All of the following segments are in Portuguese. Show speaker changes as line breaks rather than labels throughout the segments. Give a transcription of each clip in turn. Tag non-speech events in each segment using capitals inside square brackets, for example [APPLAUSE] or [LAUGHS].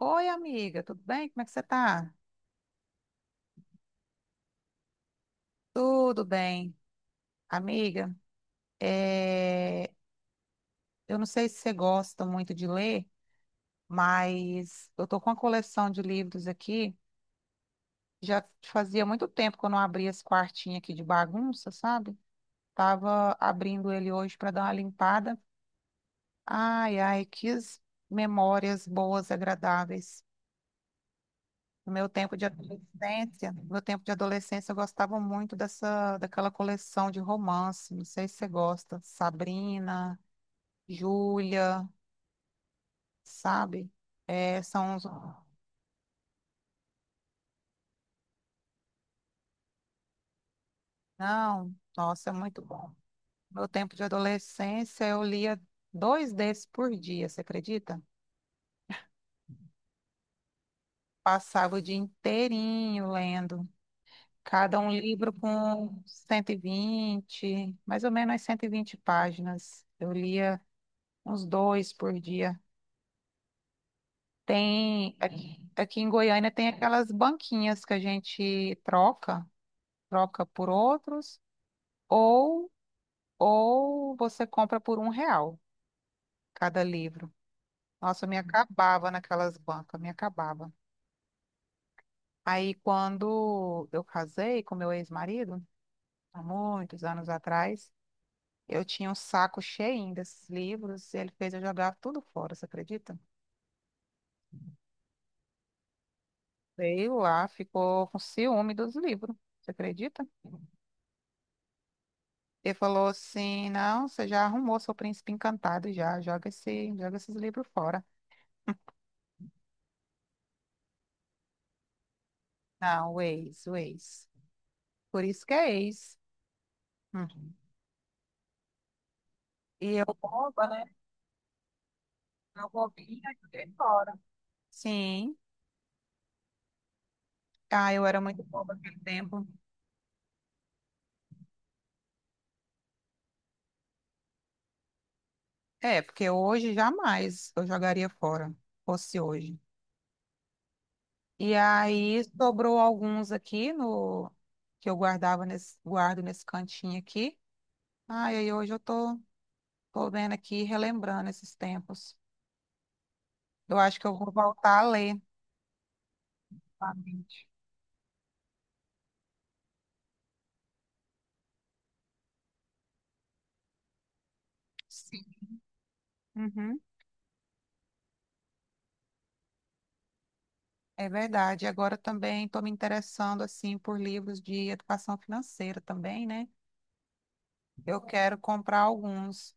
Oi, amiga, tudo bem? Como é que você tá? Tudo bem. Amiga, é, eu não sei se você gosta muito de ler, mas eu tô com uma coleção de livros aqui. Já fazia muito tempo que eu não abria esse quartinho aqui de bagunça, sabe? Tava abrindo ele hoje para dar uma limpada. Ai, ai, que memórias boas, agradáveis. No meu tempo de adolescência, no meu tempo de adolescência, eu gostava muito daquela coleção de romance. Não sei se você gosta. Sabrina, Júlia, sabe? É, são uns... Não, nossa, é muito bom. No meu tempo de adolescência, eu lia dois desses por dia, você acredita? Passava o dia inteirinho lendo. Cada um livro com 120, mais ou menos umas 120 páginas. Eu lia uns dois por dia. Tem, aqui em Goiânia tem aquelas banquinhas que a gente troca, troca por outros, ou, ou você compra por R$1 cada livro. Nossa, eu me acabava naquelas bancas, me acabava. Aí quando eu casei com meu ex-marido, há muitos anos atrás, eu tinha um saco cheinho desses livros e ele fez eu jogar tudo fora, você acredita? Veio lá, ficou com ciúme dos livros, você acredita? Ele falou assim: não, você já arrumou seu príncipe encantado já, joga esse, joga esses livros fora. Não, o ex, o ex. Por isso que é ex. Uhum. E eu boba, né? Eu bobinha, joguei fora. Sim. Ah, eu era muito boba naquele tempo. É, porque hoje jamais eu jogaria fora, fosse hoje. E aí sobrou alguns aqui no que eu guardava nesse, guardo nesse cantinho aqui. Ah, e aí hoje eu tô vendo aqui, relembrando esses tempos. Eu acho que eu vou voltar a ler novamente. Sim. Uhum, é verdade. Agora também estou me interessando assim por livros de educação financeira também, né? Eu quero comprar alguns.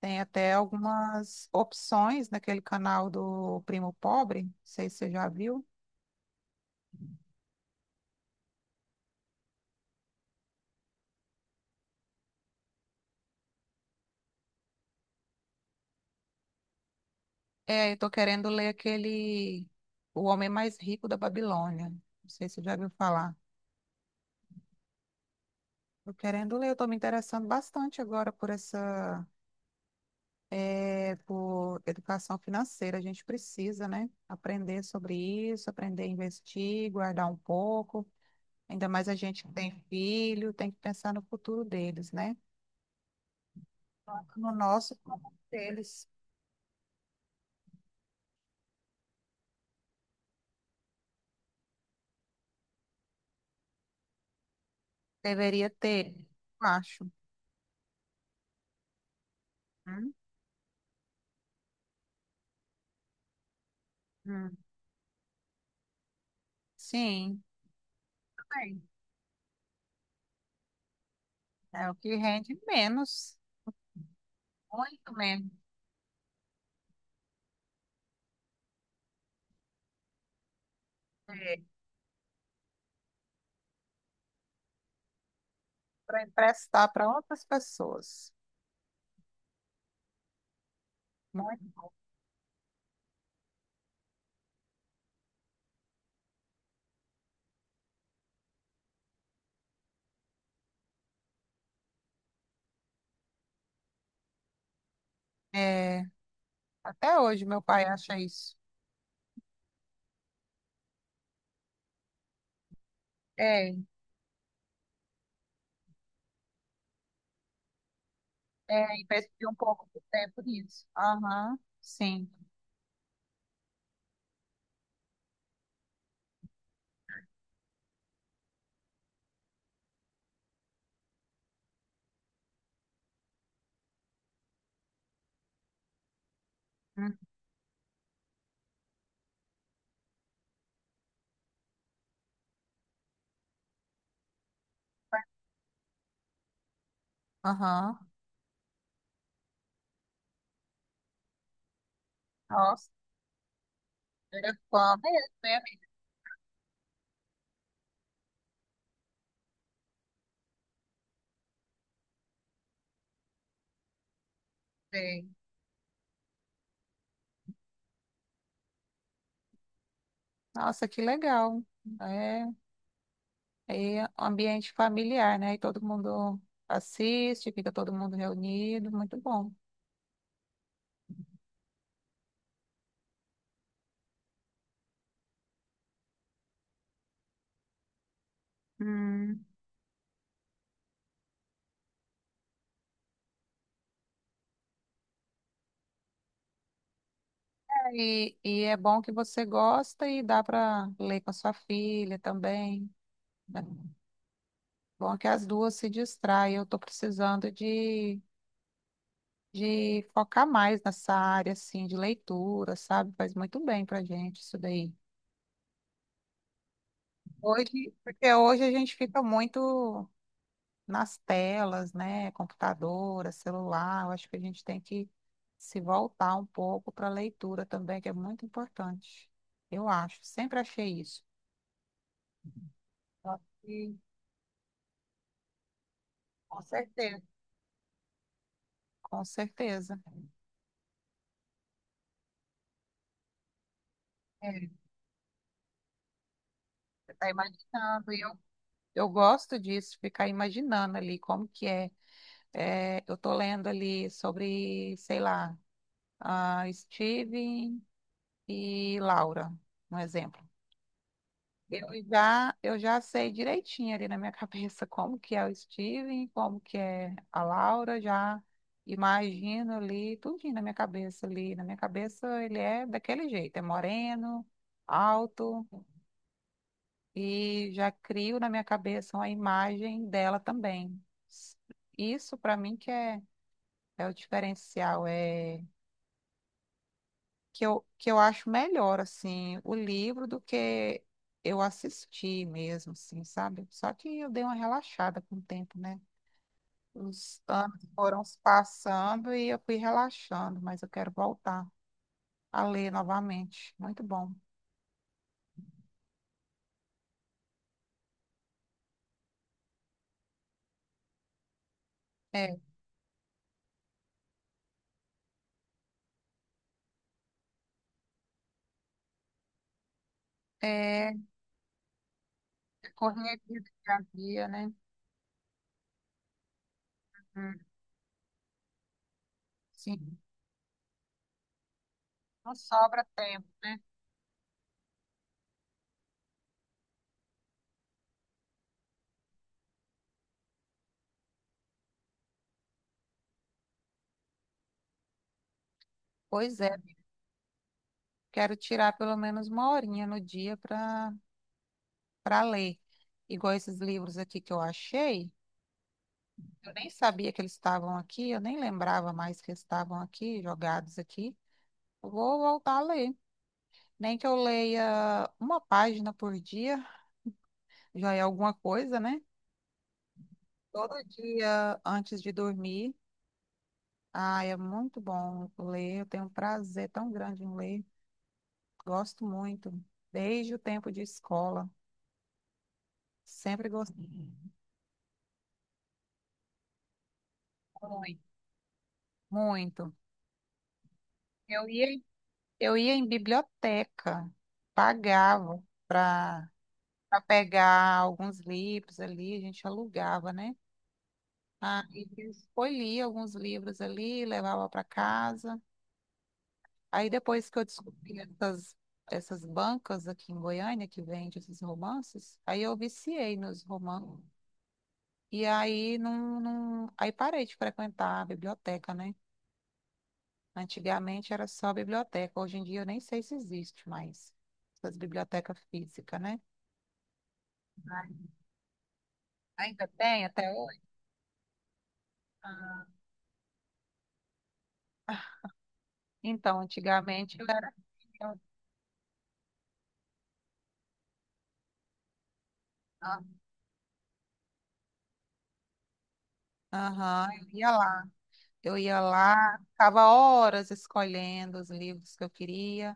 Tem até algumas opções naquele canal do Primo Pobre. Não sei se você já viu. É, eu tô querendo ler aquele O Homem Mais Rico da Babilônia. Não sei se você já viu falar. Tô querendo ler, eu tô me interessando bastante agora por por educação financeira. A gente precisa, né, aprender sobre isso, aprender a investir, guardar um pouco. Ainda mais a gente que tem filho, tem que pensar no futuro deles, né? Tanto no nosso, como deles. Deveria ter, eu acho. Hum, hum. Sim, também. É o que rende menos, muito menos, para emprestar para outras pessoas. Muito. É, até hoje meu pai acha isso. É. É, e percebi um pouco do tempo disso. Aham, sim. Hum, Aham. Nossa, era fã mesmo, né, amiga? Nossa, que legal. É, é ambiente familiar, né? E todo mundo assiste, fica todo mundo reunido, muito bom. Hum. E é bom que você gosta e dá para ler com a sua filha também, né? Bom que as duas se distraem. Eu estou precisando de focar mais nessa área, assim, de leitura, sabe? Faz muito bem pra gente isso daí. Hoje, porque hoje a gente fica muito nas telas, né? Computadora, celular. Eu acho que a gente tem que se voltar um pouco para a leitura também, que é muito importante. Eu acho, sempre achei isso. Só que, com certeza. Com certeza. É, você está imaginando. E eu gosto disso, ficar imaginando ali como que é. É, eu tô lendo ali sobre, sei lá, a Steven e Laura, um exemplo. Eu já sei direitinho ali na minha [LAUGHS] cabeça como que é o Steven, como que é a Laura, já imagino ali, tudinho na minha cabeça ali. Na minha cabeça ele é daquele jeito, é moreno, alto, e já crio na minha cabeça uma imagem dela também. Isso para mim que é, é o diferencial, é que eu acho melhor, assim, o livro do que eu assisti mesmo, assim, sabe? Só que eu dei uma relaxada com o tempo, né? Os anos foram se passando e eu fui relaxando, mas eu quero voltar a ler novamente. Muito bom. É, é, é correria do dia a dia, né? Hum. Sim, não sobra tempo, né? Pois é, quero tirar pelo menos uma horinha no dia para ler. Igual esses livros aqui que eu achei, eu nem sabia que eles estavam aqui, eu nem lembrava mais que eles estavam aqui, jogados aqui. Eu vou voltar a ler. Nem que eu leia uma página por dia, já é alguma coisa, né? Todo dia antes de dormir. Ah, é muito bom ler, eu tenho um prazer tão grande em ler. Gosto muito, desde o tempo de escola. Sempre gostei. Muito, muito. Eu ia, eu ia em biblioteca, pagava. Para pegar alguns livros ali, a gente alugava, né? Ah, e foi lia alguns livros ali, levava para casa. Aí depois que eu descobri essas bancas aqui em Goiânia que vende esses romances, aí eu viciei nos romances. E aí não, não, aí parei de frequentar a biblioteca, né? Antigamente era só biblioteca, hoje em dia eu nem sei se existe mais essas bibliotecas físicas, né? Ai. Ainda tem até hoje? Então, antigamente eu era. Ah, aham, eu ia lá. Eu ia lá, ficava horas escolhendo os livros que eu queria.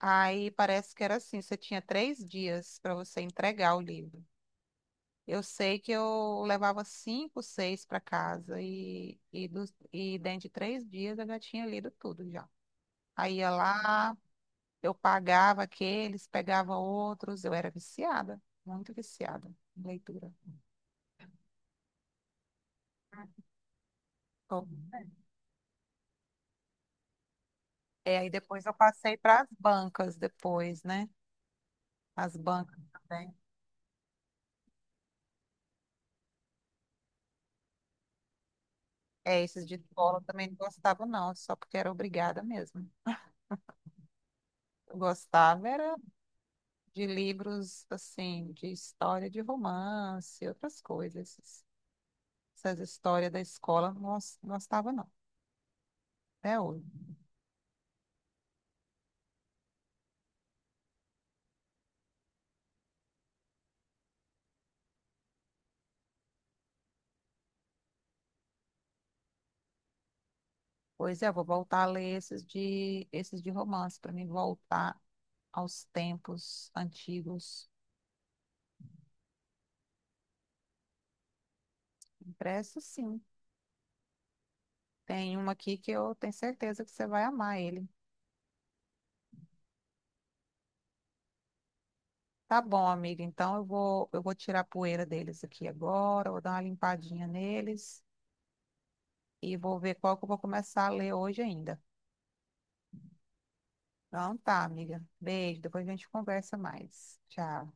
Aí parece que era assim, você tinha 3 dias para você entregar o livro. Eu sei que eu levava cinco, seis para casa e dentro de 3 dias eu já tinha lido tudo já. Aí ia lá, eu pagava aqueles, pegava outros, eu era viciada, muito viciada em leitura. É, aí depois eu passei para as bancas depois, né? As bancas também. É, esses de escola também não gostava, não, só porque era obrigada mesmo. Eu gostava era de livros, assim, de história de romance, outras coisas. Essas histórias da escola eu não gostava, não, até hoje. Pois é, eu vou voltar a ler esses de romance, para mim voltar aos tempos antigos. Impresso, sim. Tem uma aqui que eu tenho certeza que você vai amar ele. Tá bom, amiga. Então eu vou tirar a poeira deles aqui agora, vou dar uma limpadinha neles e vou ver qual que eu vou começar a ler hoje ainda. Então tá, amiga. Beijo. Depois a gente conversa mais. Tchau.